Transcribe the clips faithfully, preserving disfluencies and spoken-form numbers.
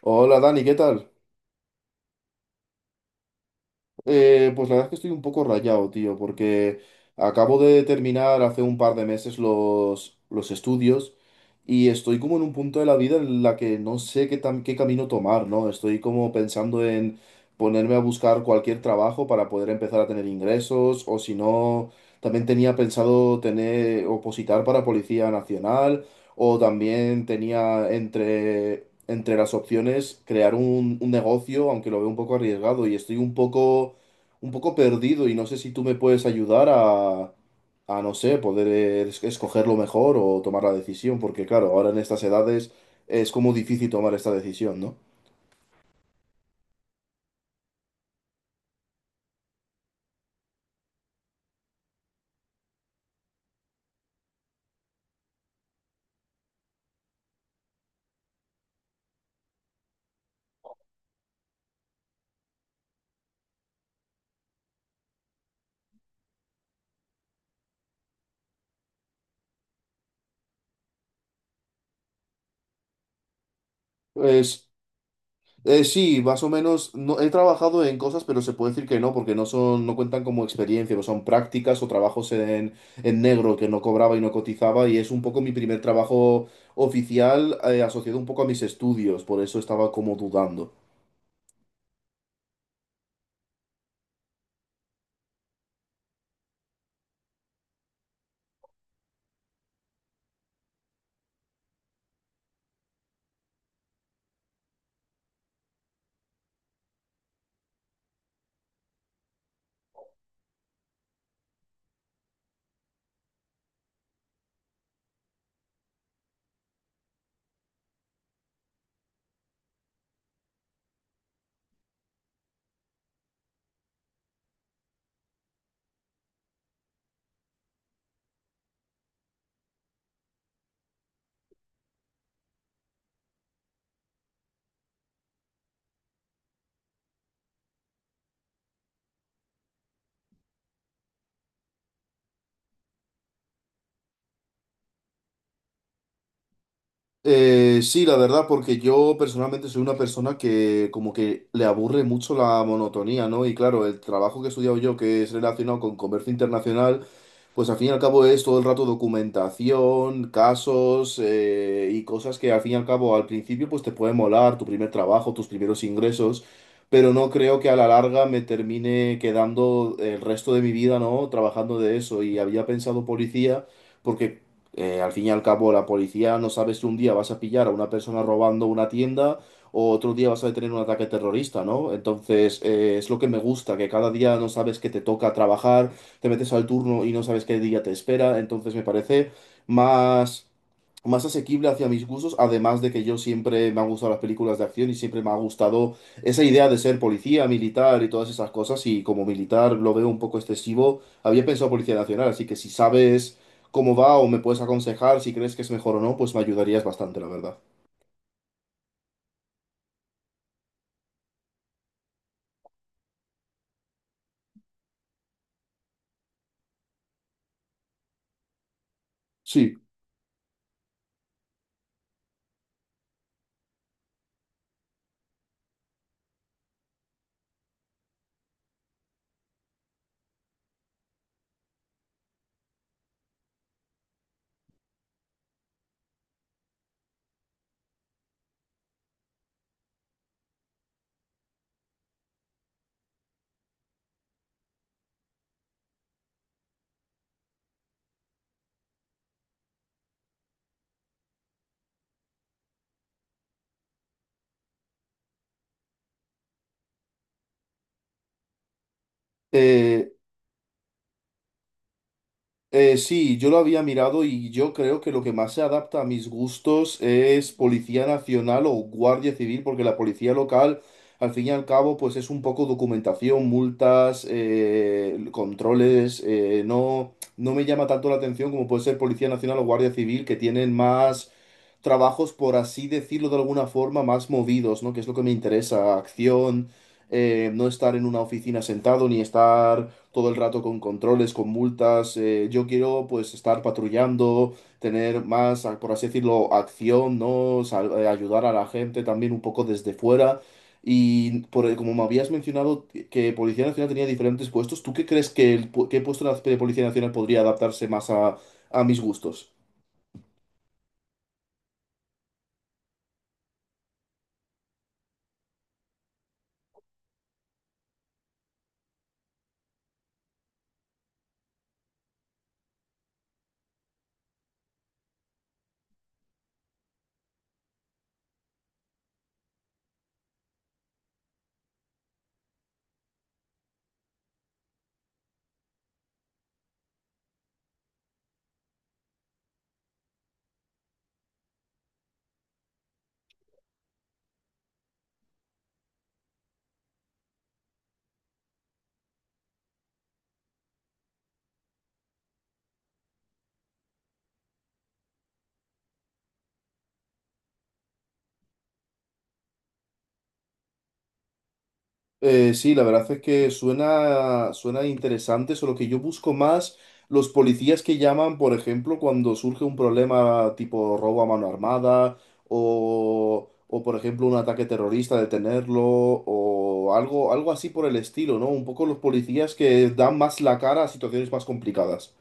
Hola Dani, ¿qué tal? Eh, pues la verdad es que estoy un poco rayado, tío, porque acabo de terminar hace un par de meses los, los estudios y estoy como en un punto de la vida en la que no sé qué, tam- qué camino tomar, ¿no? Estoy como pensando en ponerme a buscar cualquier trabajo para poder empezar a tener ingresos o si no, también tenía pensado tener, opositar para Policía Nacional o también tenía entre... Entre las opciones, crear un, un negocio, aunque lo veo un poco arriesgado y estoy un poco un poco perdido y no sé si tú me puedes ayudar a, a no sé, poder eh, es- escoger lo mejor o tomar la decisión, porque claro, ahora en estas edades es como difícil tomar esta decisión, ¿no? Pues eh, sí, más o menos no, he trabajado en cosas, pero se puede decir que no, porque no son, no cuentan como experiencia, no son prácticas o trabajos en, en negro que no cobraba y no cotizaba, y es un poco mi primer trabajo oficial eh, asociado un poco a mis estudios, por eso estaba como dudando. Eh, sí, la verdad, porque yo personalmente soy una persona que como que le aburre mucho la monotonía, ¿no? Y claro, el trabajo que he estudiado yo, que es relacionado con comercio internacional, pues al fin y al cabo es todo el rato documentación, casos eh, y cosas que al fin y al cabo al principio pues te puede molar, tu primer trabajo, tus primeros ingresos, pero no creo que a la larga me termine quedando el resto de mi vida, ¿no? Trabajando de eso y había pensado policía porque eh, al fin y al cabo, la policía no sabe si un día vas a pillar a una persona robando una tienda o otro día vas a tener un ataque terrorista, ¿no? Entonces, eh, es lo que me gusta, que cada día no sabes que te toca trabajar, te metes al turno y no sabes qué día te espera, entonces me parece más, más asequible hacia mis gustos, además de que yo siempre me han gustado las películas de acción y siempre me ha gustado esa idea de ser policía, militar y todas esas cosas, y como militar lo veo un poco excesivo, había pensado Policía Nacional, así que si sabes cómo va o me puedes aconsejar si crees que es mejor o no, pues me ayudarías bastante, la verdad. Sí, eh, eh, sí, yo lo había mirado y yo creo que lo que más se adapta a mis gustos es Policía Nacional o Guardia Civil, porque la policía local, al fin y al cabo, pues es un poco documentación, multas, eh, controles, eh, no, no me llama tanto la atención como puede ser Policía Nacional o Guardia Civil, que tienen más trabajos, por así decirlo de alguna forma, más movidos, ¿no? Que es lo que me interesa, acción, eh, no estar en una oficina sentado, ni estar todo el rato con controles, con multas. Eh, yo quiero, pues, estar patrullando, tener más, a- por así decirlo, acción, ¿no? Sal- eh, ayudar a la gente también un poco desde fuera. Y por, como me habías mencionado que Policía Nacional tenía diferentes puestos, ¿tú qué crees que el, pu- qué puesto de la Policía Nacional podría adaptarse más a, a mis gustos? Eh, sí, la verdad es que suena, suena interesante, solo que yo busco más los policías que llaman, por ejemplo, cuando surge un problema tipo robo a mano armada o, o, por ejemplo, un ataque terrorista, detenerlo o algo, algo así por el estilo, ¿no? Un poco los policías que dan más la cara a situaciones más complicadas.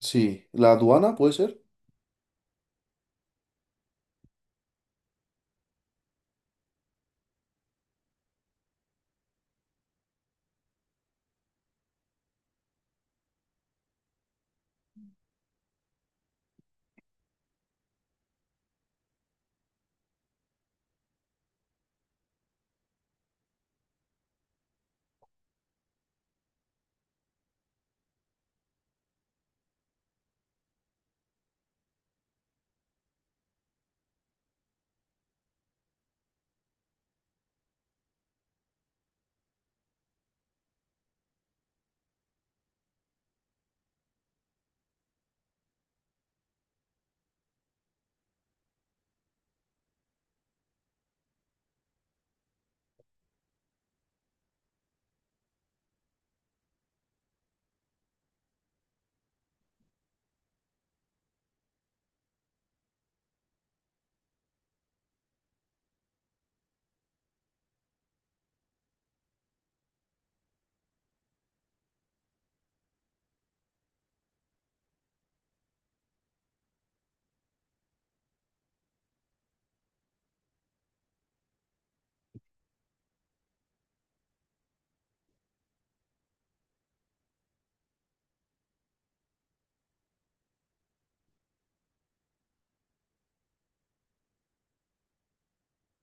Sí, ¿la aduana puede ser?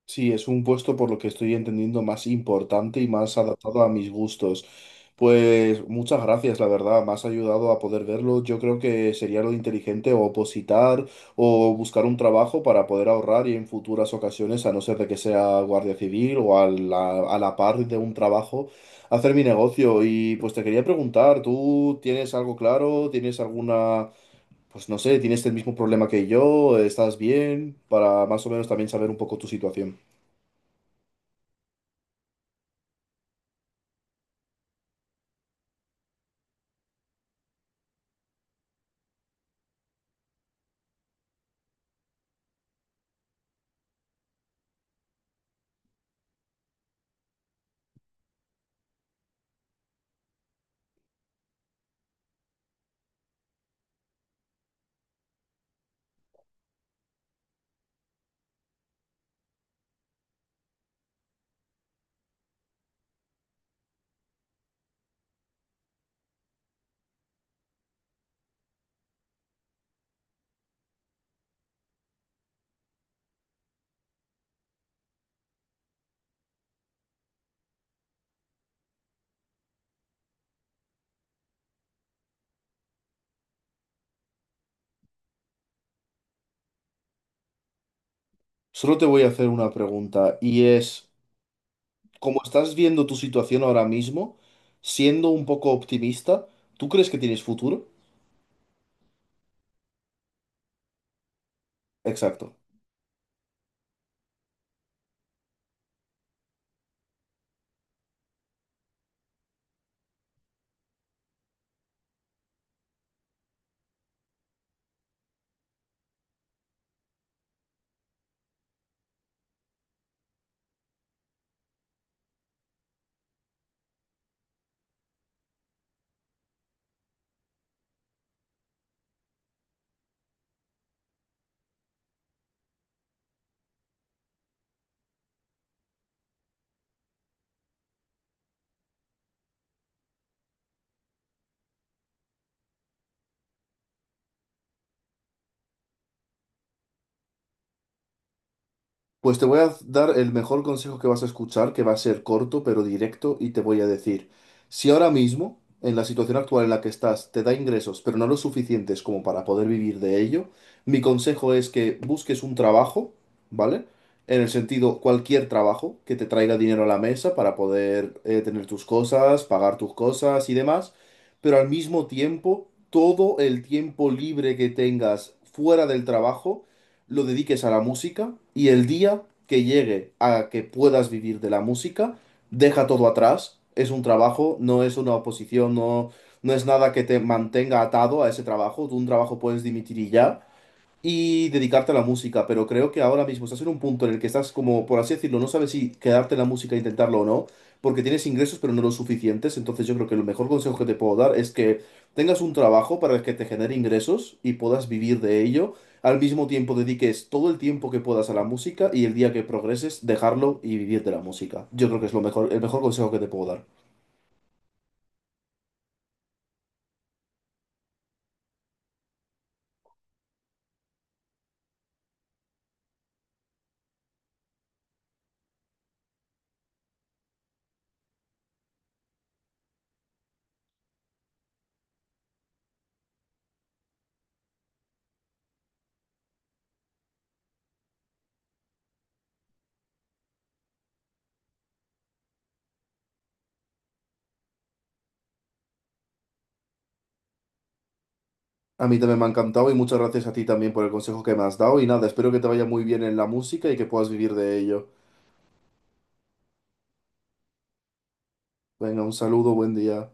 Sí, es un puesto por lo que estoy entendiendo más importante y más adaptado a mis gustos. Pues muchas gracias, la verdad, me has ayudado a poder verlo. Yo creo que sería lo inteligente o opositar o buscar un trabajo para poder ahorrar y en futuras ocasiones, a no ser de que sea guardia civil o a la, a la par de un trabajo, hacer mi negocio. Y pues te quería preguntar, ¿tú tienes algo claro? ¿Tienes alguna... Pues no sé, ¿tienes el mismo problema que yo? ¿Estás bien? Para más o menos también saber un poco tu situación. Solo te voy a hacer una pregunta y es, como estás viendo tu situación ahora mismo, siendo un poco optimista, ¿tú crees que tienes futuro? Exacto. Pues te voy a dar el mejor consejo que vas a escuchar, que va a ser corto pero directo, y te voy a decir, si ahora mismo, en la situación actual en la que estás, te da ingresos, pero no los suficientes como para poder vivir de ello, mi consejo es que busques un trabajo, ¿vale? En el sentido, cualquier trabajo que te traiga dinero a la mesa para poder eh, tener tus cosas, pagar tus cosas y demás, pero al mismo tiempo, todo el tiempo libre que tengas fuera del trabajo, lo dediques a la música y el día que llegue a que puedas vivir de la música, deja todo atrás. Es un trabajo, no es una oposición, no, no es nada que te mantenga atado a ese trabajo. Tú un trabajo puedes dimitir y ya y dedicarte a la música, pero creo que ahora mismo estás en un punto en el que estás como, por así decirlo, no sabes si quedarte en la música e intentarlo o no, porque tienes ingresos pero no los suficientes, entonces yo creo que el mejor consejo que te puedo dar es que tengas un trabajo para el que te genere ingresos y puedas vivir de ello, al mismo tiempo dediques todo el tiempo que puedas a la música y el día que progreses dejarlo y vivir de la música. Yo creo que es lo mejor, el mejor consejo que te puedo dar. A mí también me ha encantado y muchas gracias a ti también por el consejo que me has dado y nada, espero que te vaya muy bien en la música y que puedas vivir de ello. Venga, un saludo, buen día.